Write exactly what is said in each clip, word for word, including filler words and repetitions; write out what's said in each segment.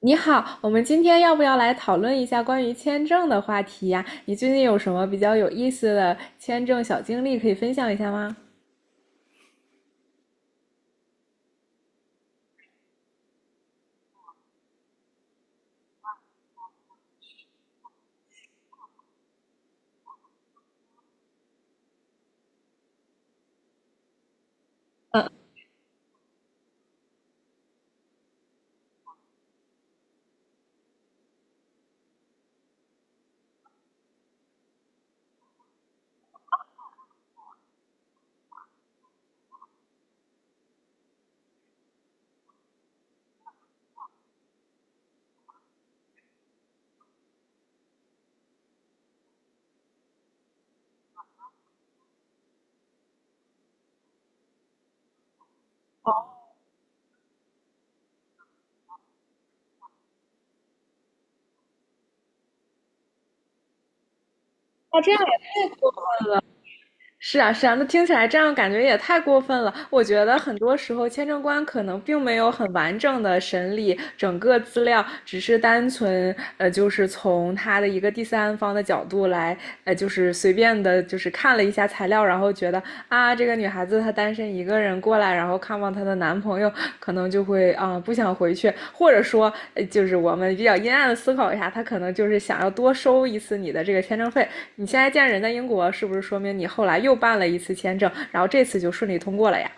你好，我们今天要不要来讨论一下关于签证的话题呀？你最近有什么比较有意思的签证小经历可以分享一下吗？是啊，是啊，那听起来这样感觉也太过分了。我觉得很多时候签证官可能并没有很完整的审理整个资料，只是单纯呃，就是从他的一个第三方的角度来，呃，就是随便的，就是看了一下材料，然后觉得啊，这。这个女孩子她单身一个人过来，然后看望她的男朋友，可能就会啊、呃不想回去，或者说呃就是我们比较阴暗的思考一下，她可能就是想要多收一次你的这个签证费。你现在见人在英国，是不是说明你后来又办了一次签证，然后这次就顺利通过了呀？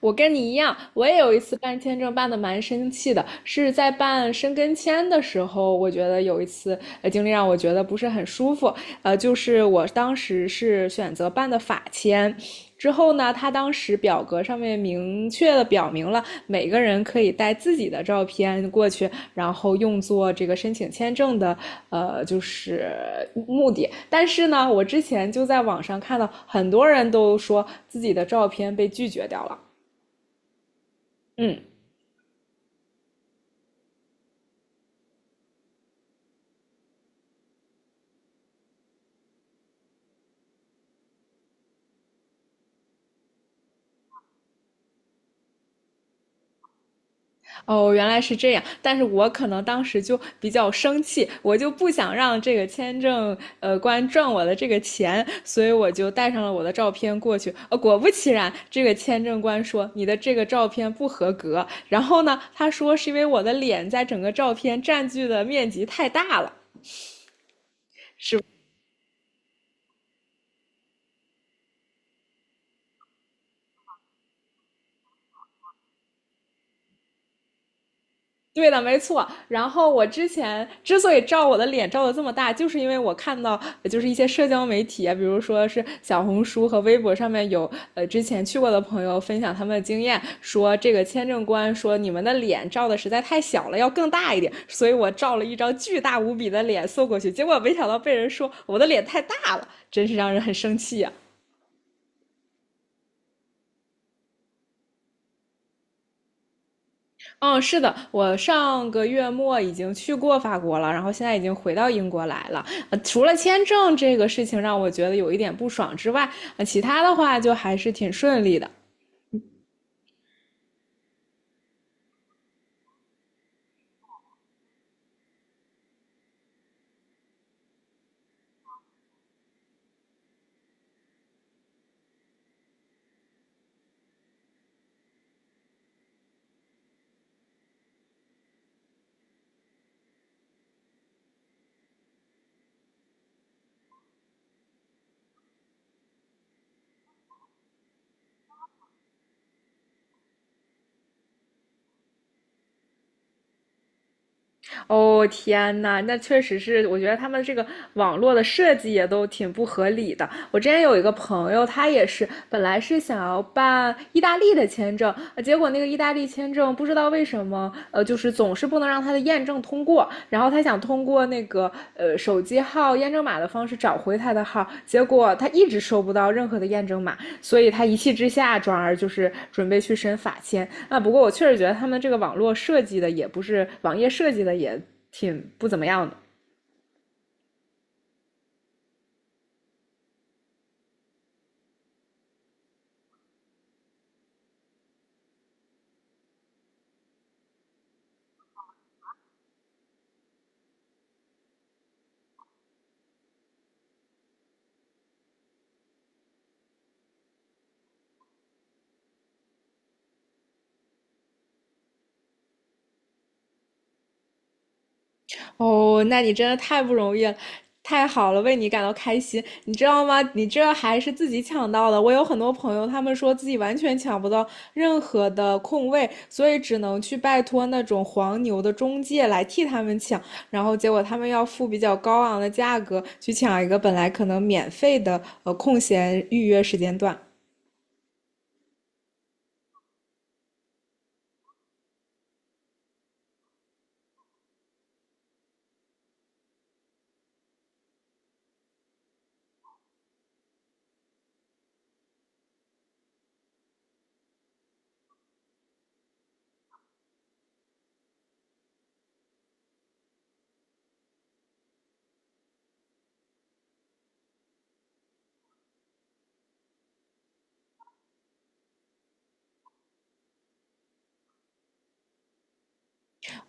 我跟你一样，我也有一次办签证办的蛮生气的，是在办申根签的时候，我觉得有一次呃经历让我觉得不是很舒服，呃，就是我当时是选择办的法签。之后呢，他当时表格上面明确的表明了每个人可以带自己的照片过去，然后用作这个申请签证的呃就是目的。但是呢，我之前就在网上看到很多人都说自己的照片被拒绝掉了。嗯。哦，原来是这样，但是我可能当时就比较生气，我就不想让这个签证呃官赚我的这个钱，所以我就带上了我的照片过去。呃，果不其然，这个签证官说你的这个照片不合格，然后呢，他说是因为我的脸在整个照片占据的面积太大了。对的，没错。然后我之前之所以照我的脸照的这么大，就是因为我看到呃就是一些社交媒体啊，比如说是小红书和微博上面有呃之前去过的朋友分享他们的经验，说这个签证官说你们的脸照的实在太小了，要更大一点。所以我照了一张巨大无比的脸送过去，结果没想到被人说我的脸太大了，真是让人很生气呀、嗯，是的，我上个月末已经去过法国了，然后现在已经回到英国来了。呃，除了签证这个事情让我觉得有一点不爽之外，呃，其他的话就还是挺顺利的。哦，天呐，那确实是，我觉得他们这个网络的设计也都挺不合理的。我之前有一个朋友，他也是本来是想要办意大利的签证，呃结果那个意大利签证不知道为什么，呃，就是总是不能让他的验证通过。然后他想通过那个呃手机号验证码的方式找回他的号，结果他一直收不到任何的验证码。所以他一气之下，转而就是准备去申法签。啊，不过我确实觉得他们这个网络设计的也不是网页设计的也挺不怎么样的。哦，那你真的太不容易了，太好了，为你感到开心。你知道吗？你这还是自己抢到的。我有很多朋友，他们说自己完全抢不到任何的空位，所以只能去拜托那种黄牛的中介来替他们抢，然后结果他们要付比较高昂的价格去抢一个本来可能免费的呃空闲预约时间段。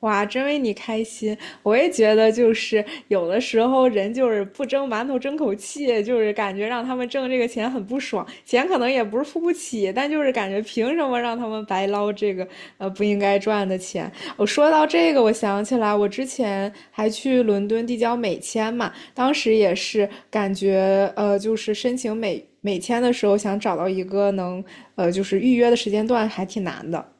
哇，真为你开心！我也觉得，就是有的时候人就是不蒸馒头争口气，就是感觉让他们挣这个钱很不爽，钱可能也不是付不起，但就是感觉凭什么让他们白捞这个呃不应该赚的钱？我说到这个，我想起来我之前还去伦敦递交美签嘛，当时也是感觉呃就是申请美美签的时候，想找到一个能呃就是预约的时间段还挺难的。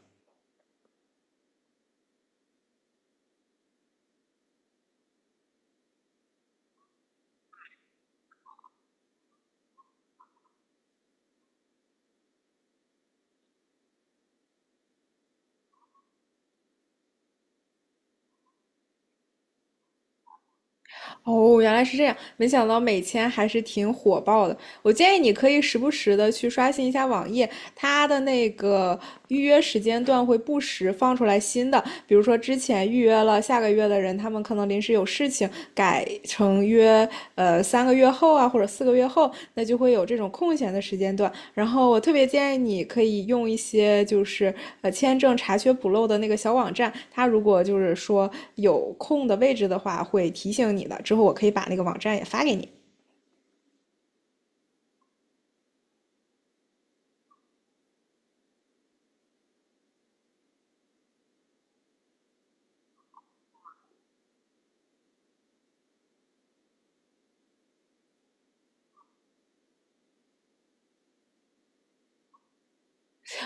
哦，原来是这样，没想到美签还是挺火爆的。我建议你可以时不时的去刷新一下网页，它的那个预约时间段会不时放出来新的，比如说之前预约了下个月的人，他们可能临时有事情改成约呃三个月后啊，或者四个月后，那就会有这种空闲的时间段。然后我特别建议你可以用一些就是呃签证查缺补漏的那个小网站，它如果就是说有空的位置的话，会提醒你的。之后我可以把那个网站也发给你。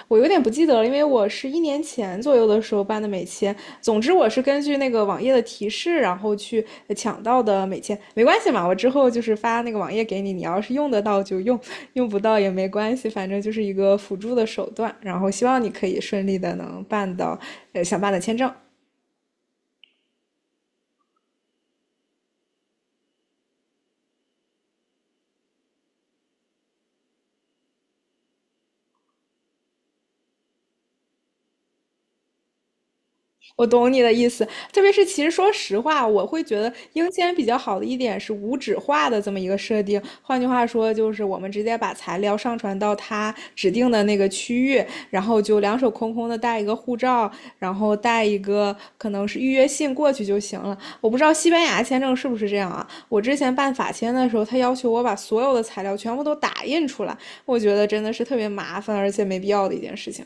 我有点不记得了，因为我是一年前左右的时候办的美签。总之，我是根据那个网页的提示，然后去抢到的美签。没关系嘛，我之后就是发那个网页给你，你要是用得到就用，用不到也没关系，反正就是一个辅助的手段。然后希望你可以顺利的能办到呃想办的签证。我懂你的意思，特别是其实说实话，我会觉得英签比较好的一点是无纸化的这么一个设定。换句话说，就是我们直接把材料上传到他指定的那个区域，然后就两手空空的带一个护照，然后带一个可能是预约信过去就行了。我不知道西班牙签证是不是这样啊？我之前办法签的时候，他要求我把所有的材料全部都打印出来，我觉得真的是特别麻烦而且没必要的一件事情。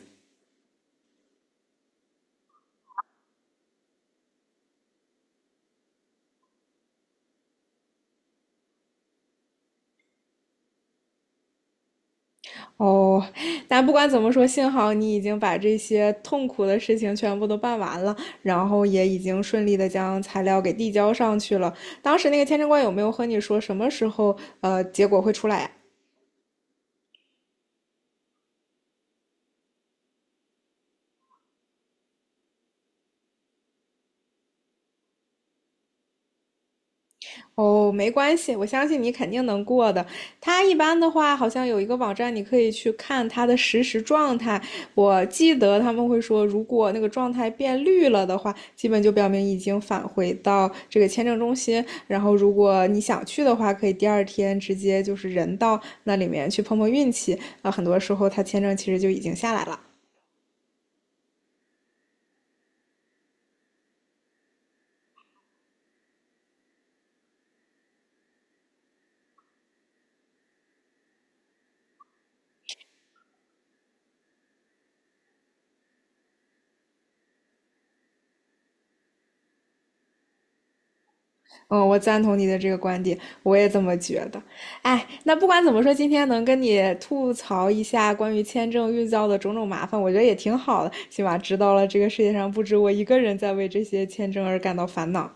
哦，但不管怎么说，幸好你已经把这些痛苦的事情全部都办完了，然后也已经顺利的将材料给递交上去了。当时那个签证官有没有和你说什么时候呃结果会出来呀？哦，没关系，我相信你肯定能过的。他一般的话，好像有一个网站，你可以去看他的实时状态。我记得他们会说，如果那个状态变绿了的话，基本就表明已经返回到这个签证中心。然后，如果你想去的话，可以第二天直接就是人到那里面去碰碰运气。啊，很多时候他签证其实就已经下来了。嗯，我赞同你的这个观点，我也这么觉得。哎，那不管怎么说，今天能跟你吐槽一下关于签证遇到的种种麻烦，我觉得也挺好的，起码知道了这个世界上不止我一个人在为这些签证而感到烦恼。